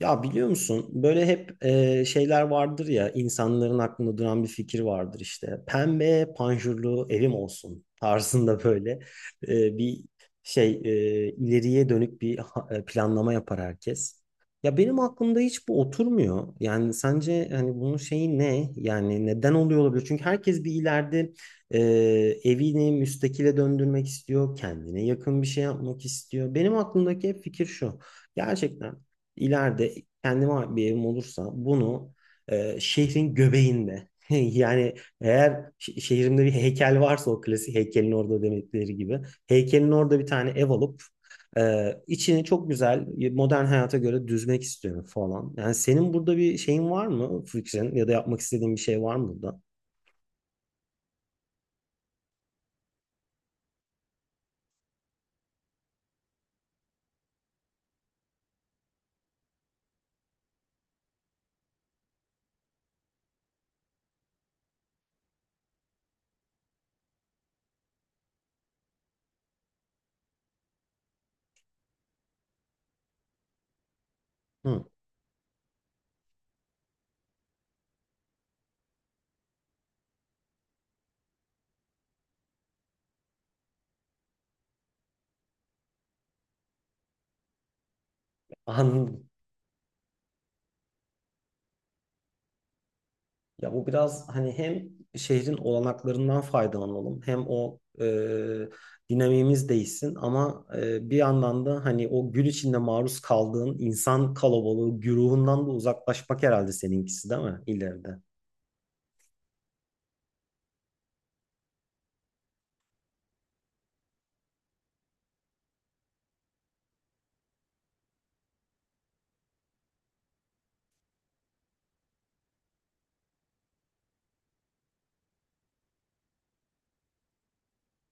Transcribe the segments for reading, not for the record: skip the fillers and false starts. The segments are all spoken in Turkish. Ya biliyor musun böyle hep şeyler vardır ya insanların aklında duran bir fikir vardır işte. Pembe panjurlu evim olsun tarzında böyle bir şey ileriye dönük bir planlama yapar herkes. Ya benim aklımda hiç bu oturmuyor. Yani sence hani bunun şeyi ne? Yani neden oluyor olabilir? Çünkü herkes bir ileride e, evini müstakile döndürmek istiyor, kendine yakın bir şey yapmak istiyor. Benim aklımdaki hep fikir şu. Gerçekten ileride kendime bir evim olursa bunu şehrin göbeğinde yani eğer şehrimde bir heykel varsa o klasik heykelin orada demekleri gibi heykelin orada bir tane ev alıp içini çok güzel modern hayata göre düzmek istiyorum falan. Yani senin burada bir şeyin var mı fikrin ya da yapmak istediğin bir şey var mı burada? Hı, anladım. Ya bu biraz hani hem şehrin olanaklarından faydalanalım hem o dinamiğimiz değişsin ama bir yandan da hani o gün içinde maruz kaldığın insan kalabalığı güruhundan da uzaklaşmak herhalde seninkisi değil mi ileride?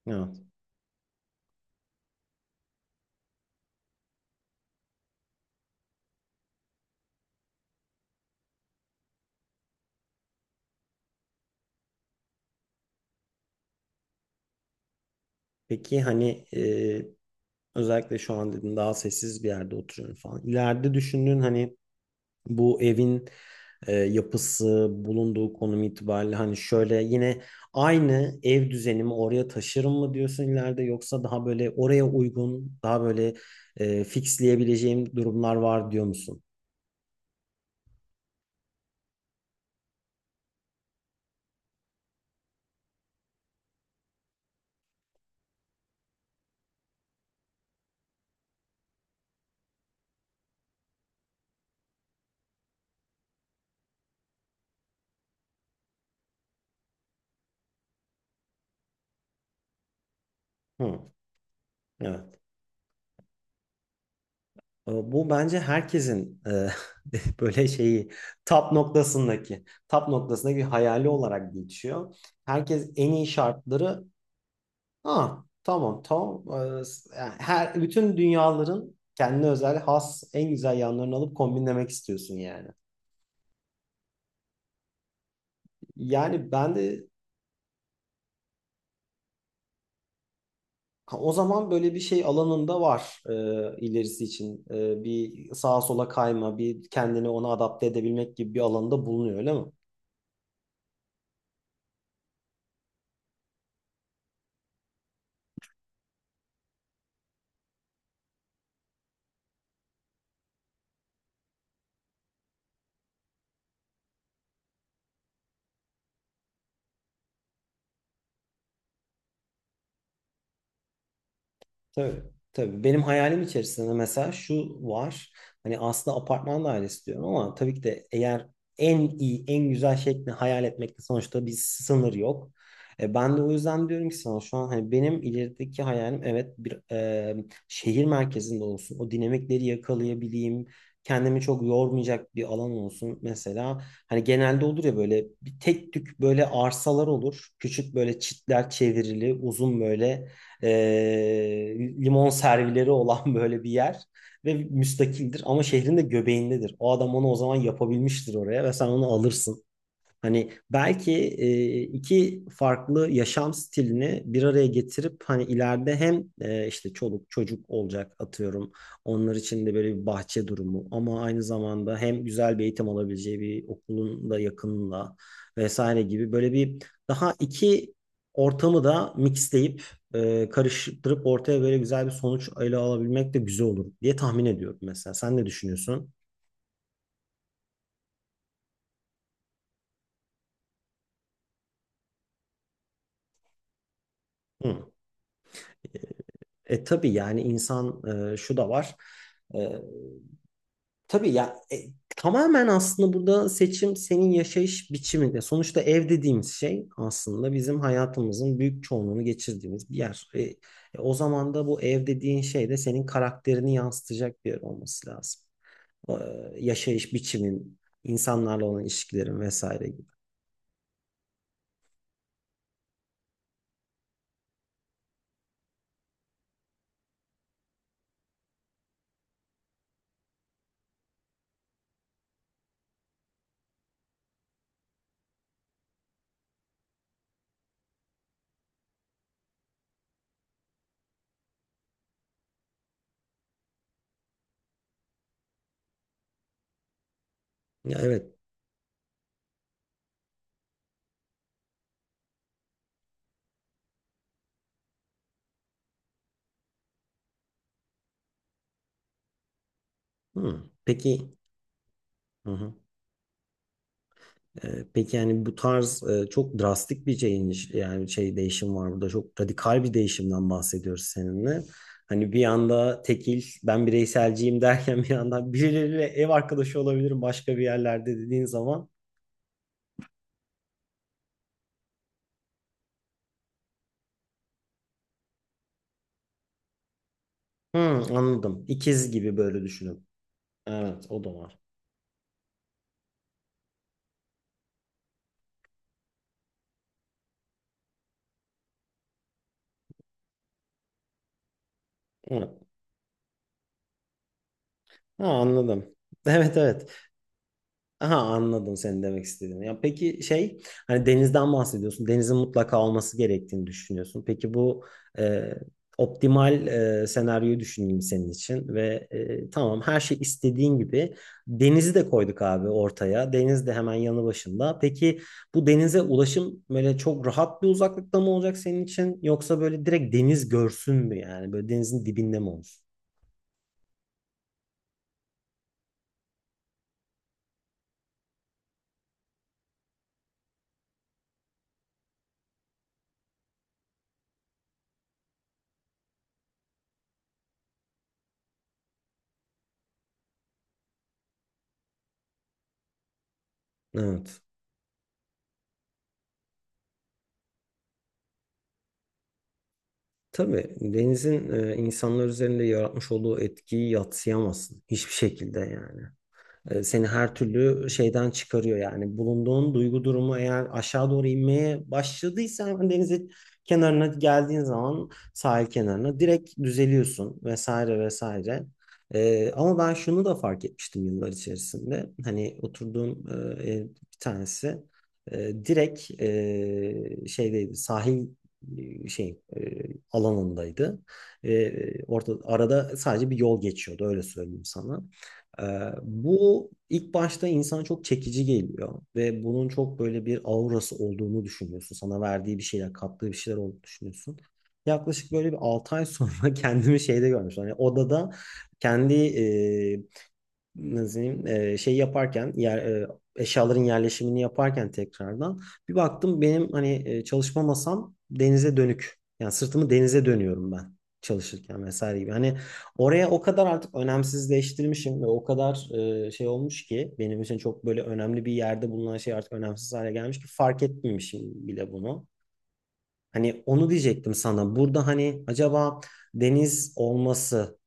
Evet. Peki hani özellikle şu an dedin daha sessiz bir yerde oturuyorum falan. İleride düşündüğün hani bu evin yapısı, bulunduğu konum itibariyle hani şöyle yine aynı ev düzenimi oraya taşırım mı diyorsun ileride yoksa daha böyle oraya uygun, daha böyle fixleyebileceğim durumlar var diyor musun? Hı, evet. Bu bence herkesin böyle şeyi tap noktasındaki bir hayali olarak geçiyor. Herkes en iyi şartları. Ha, tamam tamam. Yani her bütün dünyaların kendine özel has en güzel yanlarını alıp kombinlemek istiyorsun yani. Yani ben de ha, o zaman böyle bir şey alanında var ilerisi için. Bir sağa sola kayma, bir kendini ona adapte edebilmek gibi bir alanda bulunuyor öyle mi? Tabii, tabii. Benim hayalim içerisinde mesela şu var. Hani aslında apartman dairesi diyorum ama tabii ki de eğer en iyi, en güzel şekli hayal etmekte sonuçta bir sınır yok. Ben de o yüzden diyorum ki sana şu an hani benim ilerideki hayalim evet bir şehir merkezinde olsun. O dinamikleri yakalayabileyim. Kendimi çok yormayacak bir alan olsun. Mesela hani genelde olur ya böyle bir tek tük böyle arsalar olur. Küçük böyle çitler çevrili, uzun böyle limon servileri olan böyle bir yer ve müstakildir ama şehrin de göbeğindedir. O adam onu o zaman yapabilmiştir oraya ve sen onu alırsın. Hani belki iki farklı yaşam stilini bir araya getirip hani ileride hem işte çoluk çocuk olacak atıyorum. Onlar için de böyle bir bahçe durumu ama aynı zamanda hem güzel bir eğitim alabileceği bir okulun da yakınında vesaire gibi böyle bir daha iki ortamı da mixleyip karıştırıp ortaya böyle güzel bir sonuç ele alabilmek de güzel olur diye tahmin ediyorum mesela. Sen ne düşünüyorsun? Hı. Tabii yani insan şu da var. E, tabii ya tamamen aslında burada seçim senin yaşayış biçiminde. Sonuçta ev dediğimiz şey aslında bizim hayatımızın büyük çoğunluğunu geçirdiğimiz bir yer. O zaman da bu ev dediğin şey de senin karakterini yansıtacak bir yer olması lazım. E, yaşayış biçimin, insanlarla olan ilişkilerin vesaire gibi. Ya evet. Hmm. Peki. Hı hı. Peki yani bu tarz çok drastik bir change yani şey değişim var burada çok radikal bir değişimden bahsediyoruz seninle. Hani bir yanda tekil ben bireyselciyim derken bir yandan birileriyle ev arkadaşı olabilirim başka bir yerlerde dediğin zaman Hı, anladım ikiz gibi böyle düşünün. Evet o da var. Evet. Ha, anladım. Evet evet. Aha anladım senin demek istediğini. Ya peki şey hani denizden bahsediyorsun. Denizin mutlaka olması gerektiğini düşünüyorsun. Peki bu e, optimal senaryoyu düşüneyim senin için ve tamam her şey istediğin gibi denizi de koyduk abi ortaya. Deniz de hemen yanı başında. Peki bu denize ulaşım böyle çok rahat bir uzaklıkta mı olacak senin için yoksa böyle direkt deniz görsün mü yani böyle denizin dibinde mi olsun? Evet. Tabii denizin insanlar üzerinde yaratmış olduğu etkiyi yadsıyamazsın hiçbir şekilde yani seni her türlü şeyden çıkarıyor yani. Bulunduğun duygu durumu eğer aşağı doğru inmeye başladıysa hemen denizin kenarına geldiğin zaman sahil kenarına direkt düzeliyorsun vesaire vesaire. Ama ben şunu da fark etmiştim yıllar içerisinde. Hani oturduğum ev bir tanesi direkt şeydeydi sahil şey alanındaydı. Orada arada sadece bir yol geçiyordu öyle söyleyeyim sana. Ee, bu ilk başta insana çok çekici geliyor ve bunun çok böyle bir aurası olduğunu düşünüyorsun. Sana verdiği bir şeyler, kattığı bir şeyler olduğunu düşünüyorsun. Yaklaşık böyle bir 6 ay sonra kendimi şeyde görmüştüm. Hani odada kendi nasıl diyeyim, şey yaparken yer, eşyaların yerleşimini yaparken tekrardan bir baktım benim hani çalışma masam denize dönük. Yani sırtımı denize dönüyorum ben çalışırken vesaire gibi. Hani oraya o kadar artık önemsizleştirmişim ve o kadar şey olmuş ki benim için çok böyle önemli bir yerde bulunan şey artık önemsiz hale gelmiş ki fark etmemişim bile bunu. Hani onu diyecektim sana. Burada hani acaba deniz olması.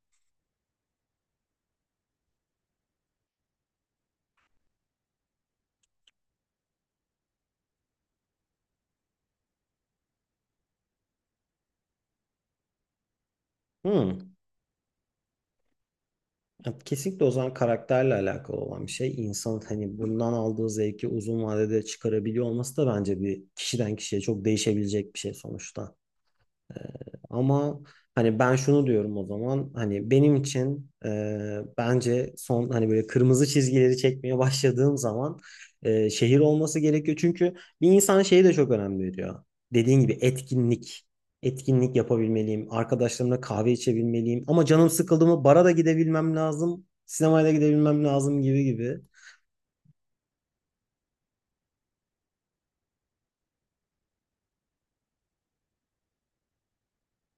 Hmm. Ya kesinlikle o zaman karakterle alakalı olan bir şey. İnsanın hani bundan aldığı zevki uzun vadede çıkarabiliyor olması da bence bir kişiden kişiye çok değişebilecek bir şey sonuçta. Ama hani ben şunu diyorum o zaman hani benim için bence son hani böyle kırmızı çizgileri çekmeye başladığım zaman şehir olması gerekiyor. Çünkü bir insan şeyi de çok önem veriyor. Dediğin gibi etkinlik. Etkinlik yapabilmeliyim. Arkadaşlarımla kahve içebilmeliyim. Ama canım sıkıldı mı bara da gidebilmem lazım. Sinemaya da gidebilmem lazım gibi gibi.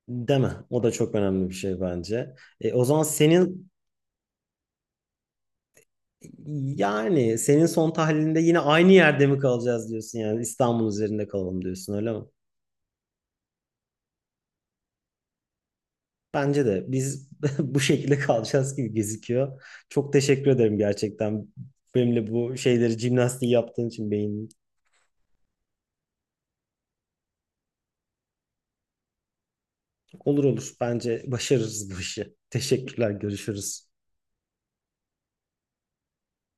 Deme. O da çok önemli bir şey bence. E, o zaman senin Yani senin son tahlilinde yine aynı yerde mi kalacağız diyorsun yani İstanbul üzerinde kalalım diyorsun öyle mi? Bence de biz bu şekilde kalacağız gibi gözüküyor. Çok teşekkür ederim gerçekten benimle bu şeyleri jimnastiği yaptığın için beynin. Olur olur bence başarırız bu işi. Teşekkürler görüşürüz.